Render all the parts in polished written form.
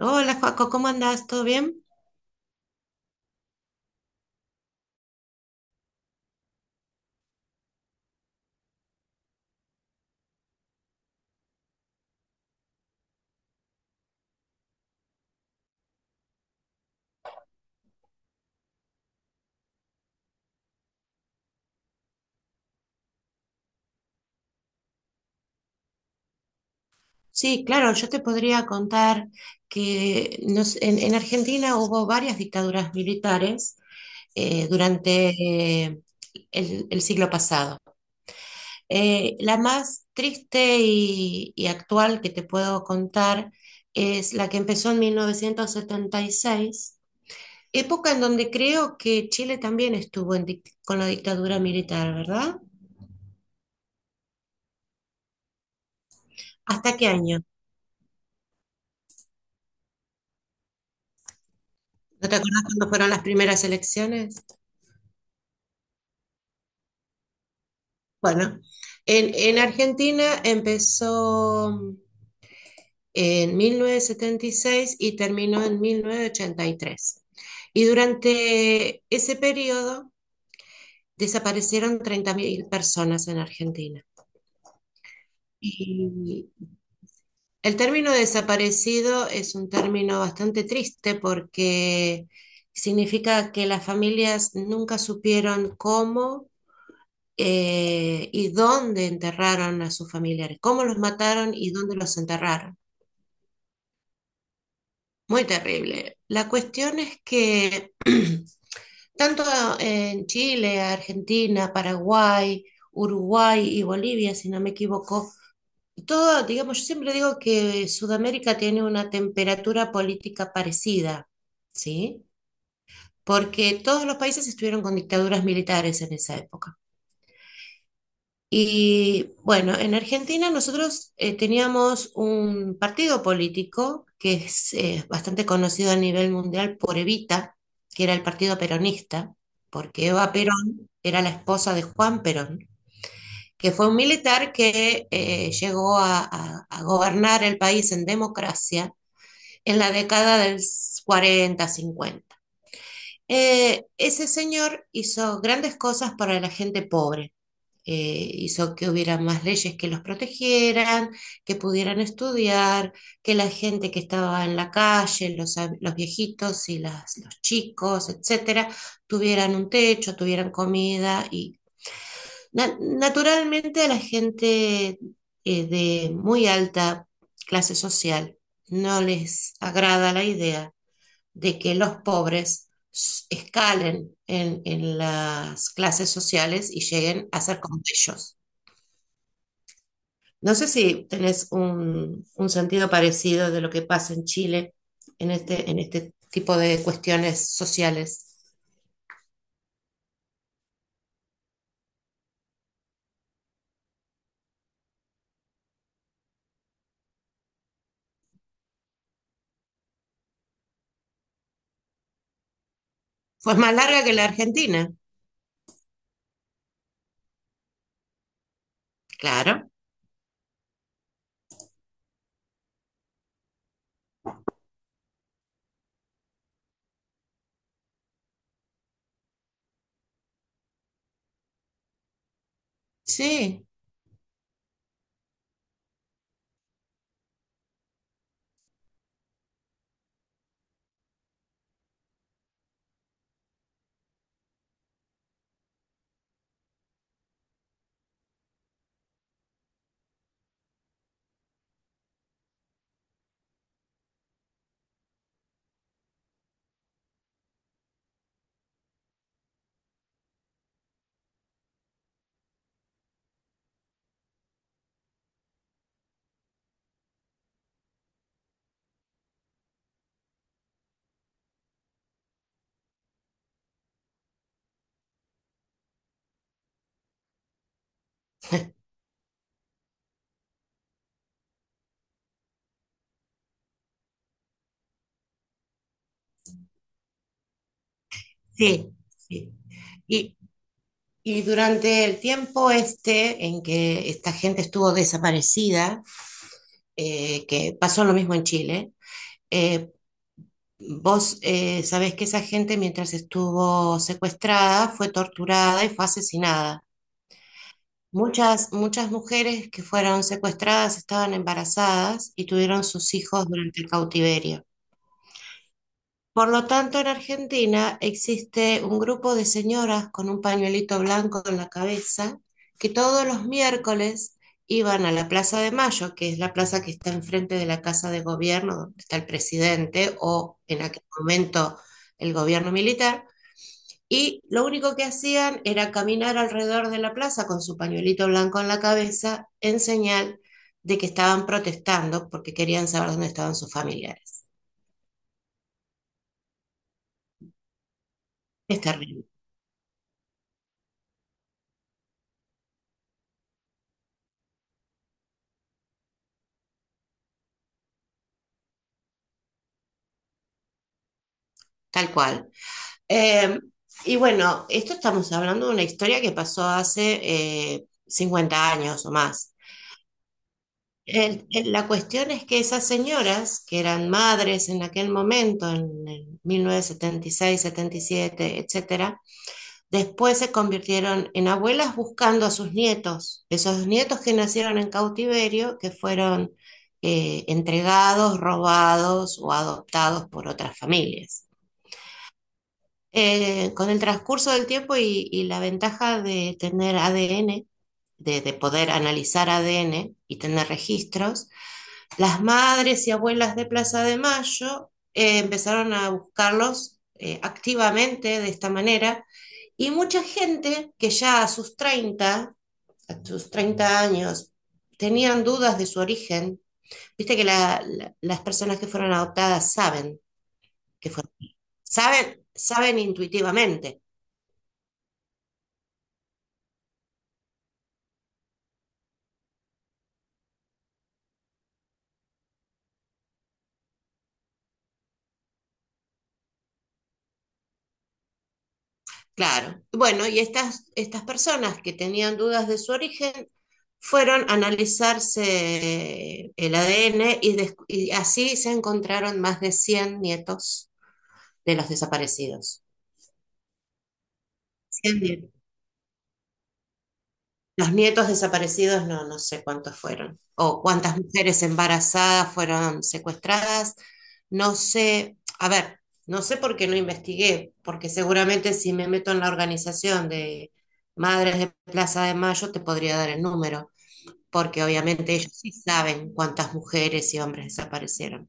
Hola, Joaco, ¿cómo andás? ¿Todo bien? Sí, claro, yo te podría contar que en Argentina hubo varias dictaduras militares durante el siglo pasado. La más triste y actual que te puedo contar es la que empezó en 1976, época en donde creo que Chile también estuvo en con la dictadura militar, ¿verdad? ¿Hasta qué año? ¿No te acuerdas cuándo fueron las primeras elecciones? Bueno, en Argentina empezó en mil novecientos setenta y seis y terminó en mil novecientos ochenta y tres. Y durante ese periodo desaparecieron 30.000 personas en Argentina. Y el término desaparecido es un término bastante triste porque significa que las familias nunca supieron cómo y dónde enterraron a sus familiares, cómo los mataron y dónde los enterraron. Muy terrible. La cuestión es que tanto en Chile, Argentina, Paraguay, Uruguay y Bolivia, si no me equivoco, todo, digamos, yo siempre digo que Sudamérica tiene una temperatura política parecida, ¿sí? Porque todos los países estuvieron con dictaduras militares en esa época. Y bueno, en Argentina nosotros teníamos un partido político que es bastante conocido a nivel mundial por Evita, que era el partido peronista, porque Eva Perón era la esposa de Juan Perón, que fue un militar que llegó a gobernar el país en democracia en la década del 40-50. Ese señor hizo grandes cosas para la gente pobre, hizo que hubiera más leyes que los protegieran, que pudieran estudiar, que la gente que estaba en la calle, los viejitos y los chicos, etcétera, tuvieran un techo, tuvieran comida y naturalmente a la gente de muy alta clase social no les agrada la idea de que los pobres escalen en las clases sociales y lleguen a ser como ellos. No sé si tenés un sentido parecido de lo que pasa en Chile en este tipo de cuestiones sociales. Pues más larga que la Argentina, claro. Sí, sí, sí. Y, y durante el tiempo este en que esta gente estuvo desaparecida, que pasó lo mismo en Chile, eh, vos sabés que esa gente mientras estuvo secuestrada fue torturada y fue asesinada. Muchas, muchas mujeres que fueron secuestradas estaban embarazadas y tuvieron sus hijos durante el cautiverio. Por lo tanto, en Argentina existe un grupo de señoras con un pañuelito blanco en la cabeza que todos los miércoles iban a la Plaza de Mayo, que es la plaza que está enfrente de la Casa de Gobierno, donde está el presidente o en aquel momento el gobierno militar, y lo único que hacían era caminar alrededor de la plaza con su pañuelito blanco en la cabeza en señal de que estaban protestando porque querían saber dónde estaban sus familiares. Es terrible, tal cual. Eh, y bueno, esto estamos hablando de una historia que pasó hace 50 años o más. La cuestión es que esas señoras, que eran madres en aquel momento, en 1976, 77, etcétera, después se convirtieron en abuelas buscando a sus nietos, esos nietos que nacieron en cautiverio, que fueron entregados, robados o adoptados por otras familias. Con el transcurso del tiempo y la ventaja de tener ADN, de poder analizar ADN y tener registros, las madres y abuelas de Plaza de Mayo empezaron a buscarlos activamente de esta manera, y mucha gente que ya a sus 30 años, tenían dudas de su origen. Viste que las personas que fueron adoptadas saben que fueron, saben, saben intuitivamente. Claro. Bueno, y estas, estas personas que tenían dudas de su origen fueron a analizarse el ADN y, y así se encontraron más de 100 nietos de los desaparecidos. Los nietos desaparecidos, no, no sé cuántos fueron, o cuántas mujeres embarazadas fueron secuestradas, no sé, a ver, no sé por qué no investigué, porque seguramente si me meto en la organización de Madres de Plaza de Mayo te podría dar el número, porque obviamente ellos sí saben cuántas mujeres y hombres desaparecieron.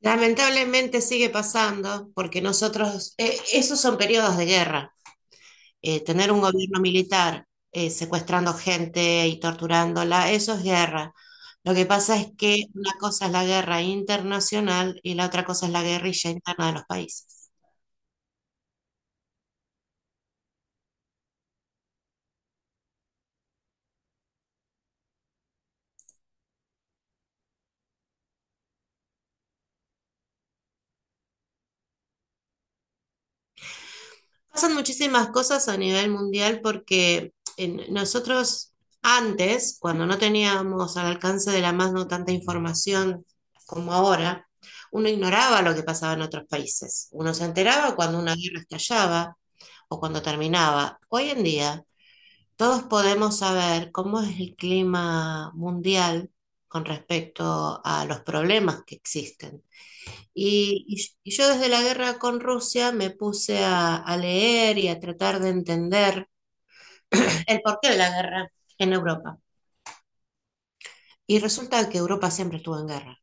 Lamentablemente sigue pasando, porque nosotros, esos son periodos de guerra. Tener un gobierno militar secuestrando gente y torturándola, eso es guerra. Lo que pasa es que una cosa es la guerra internacional y la otra cosa es la guerrilla interna de los países. Pasan muchísimas cosas a nivel mundial porque nosotros antes, cuando no teníamos al alcance de la mano tanta información como ahora, uno ignoraba lo que pasaba en otros países. Uno se enteraba cuando una guerra estallaba o cuando terminaba. Hoy en día todos podemos saber cómo es el clima mundial con respecto a los problemas que existen. Y, y yo desde la guerra con Rusia me puse a leer y a tratar de entender el porqué de la guerra en Europa. Y resulta que Europa siempre estuvo en guerra.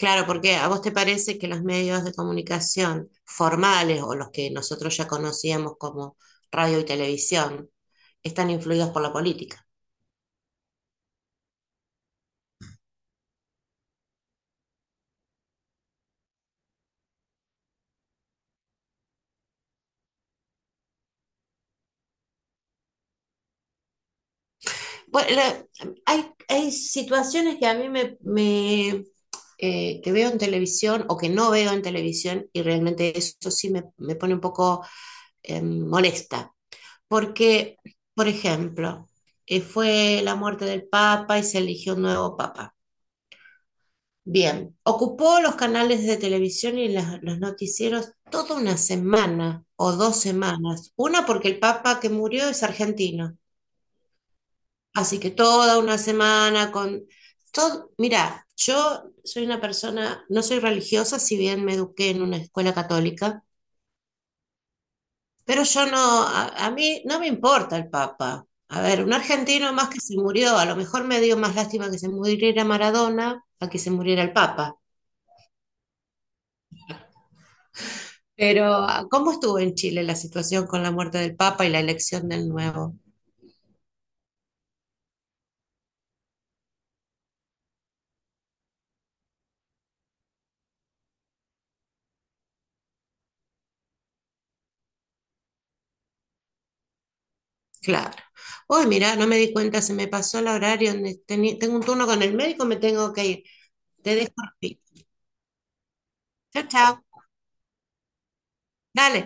Claro, porque a vos te parece que los medios de comunicación formales o los que nosotros ya conocíamos como radio y televisión están influidos por la política. Bueno, la- Hay, hay situaciones que a mí que veo en televisión o que no veo en televisión y realmente eso sí me pone un poco molesta. Porque, por ejemplo, fue la muerte del Papa y se eligió un nuevo Papa. Bien, ocupó los canales de televisión y los noticieros toda una semana o dos semanas. Una porque el Papa que murió es argentino. Así que toda una semana con todo, mira, yo soy una persona, no soy religiosa, si bien me eduqué en una escuela católica, pero yo no, a mí no me importa el Papa. A ver, un argentino más que se murió, a lo mejor me dio más lástima que se muriera Maradona a que se muriera el Papa. Pero ¿cómo estuvo en Chile la situación con la muerte del Papa y la elección del nuevo? Claro. Uy, mira, no me di cuenta, se me pasó el horario. Tengo un turno con el médico, me tengo que ir. Te dejo. Chao, chao. Dale.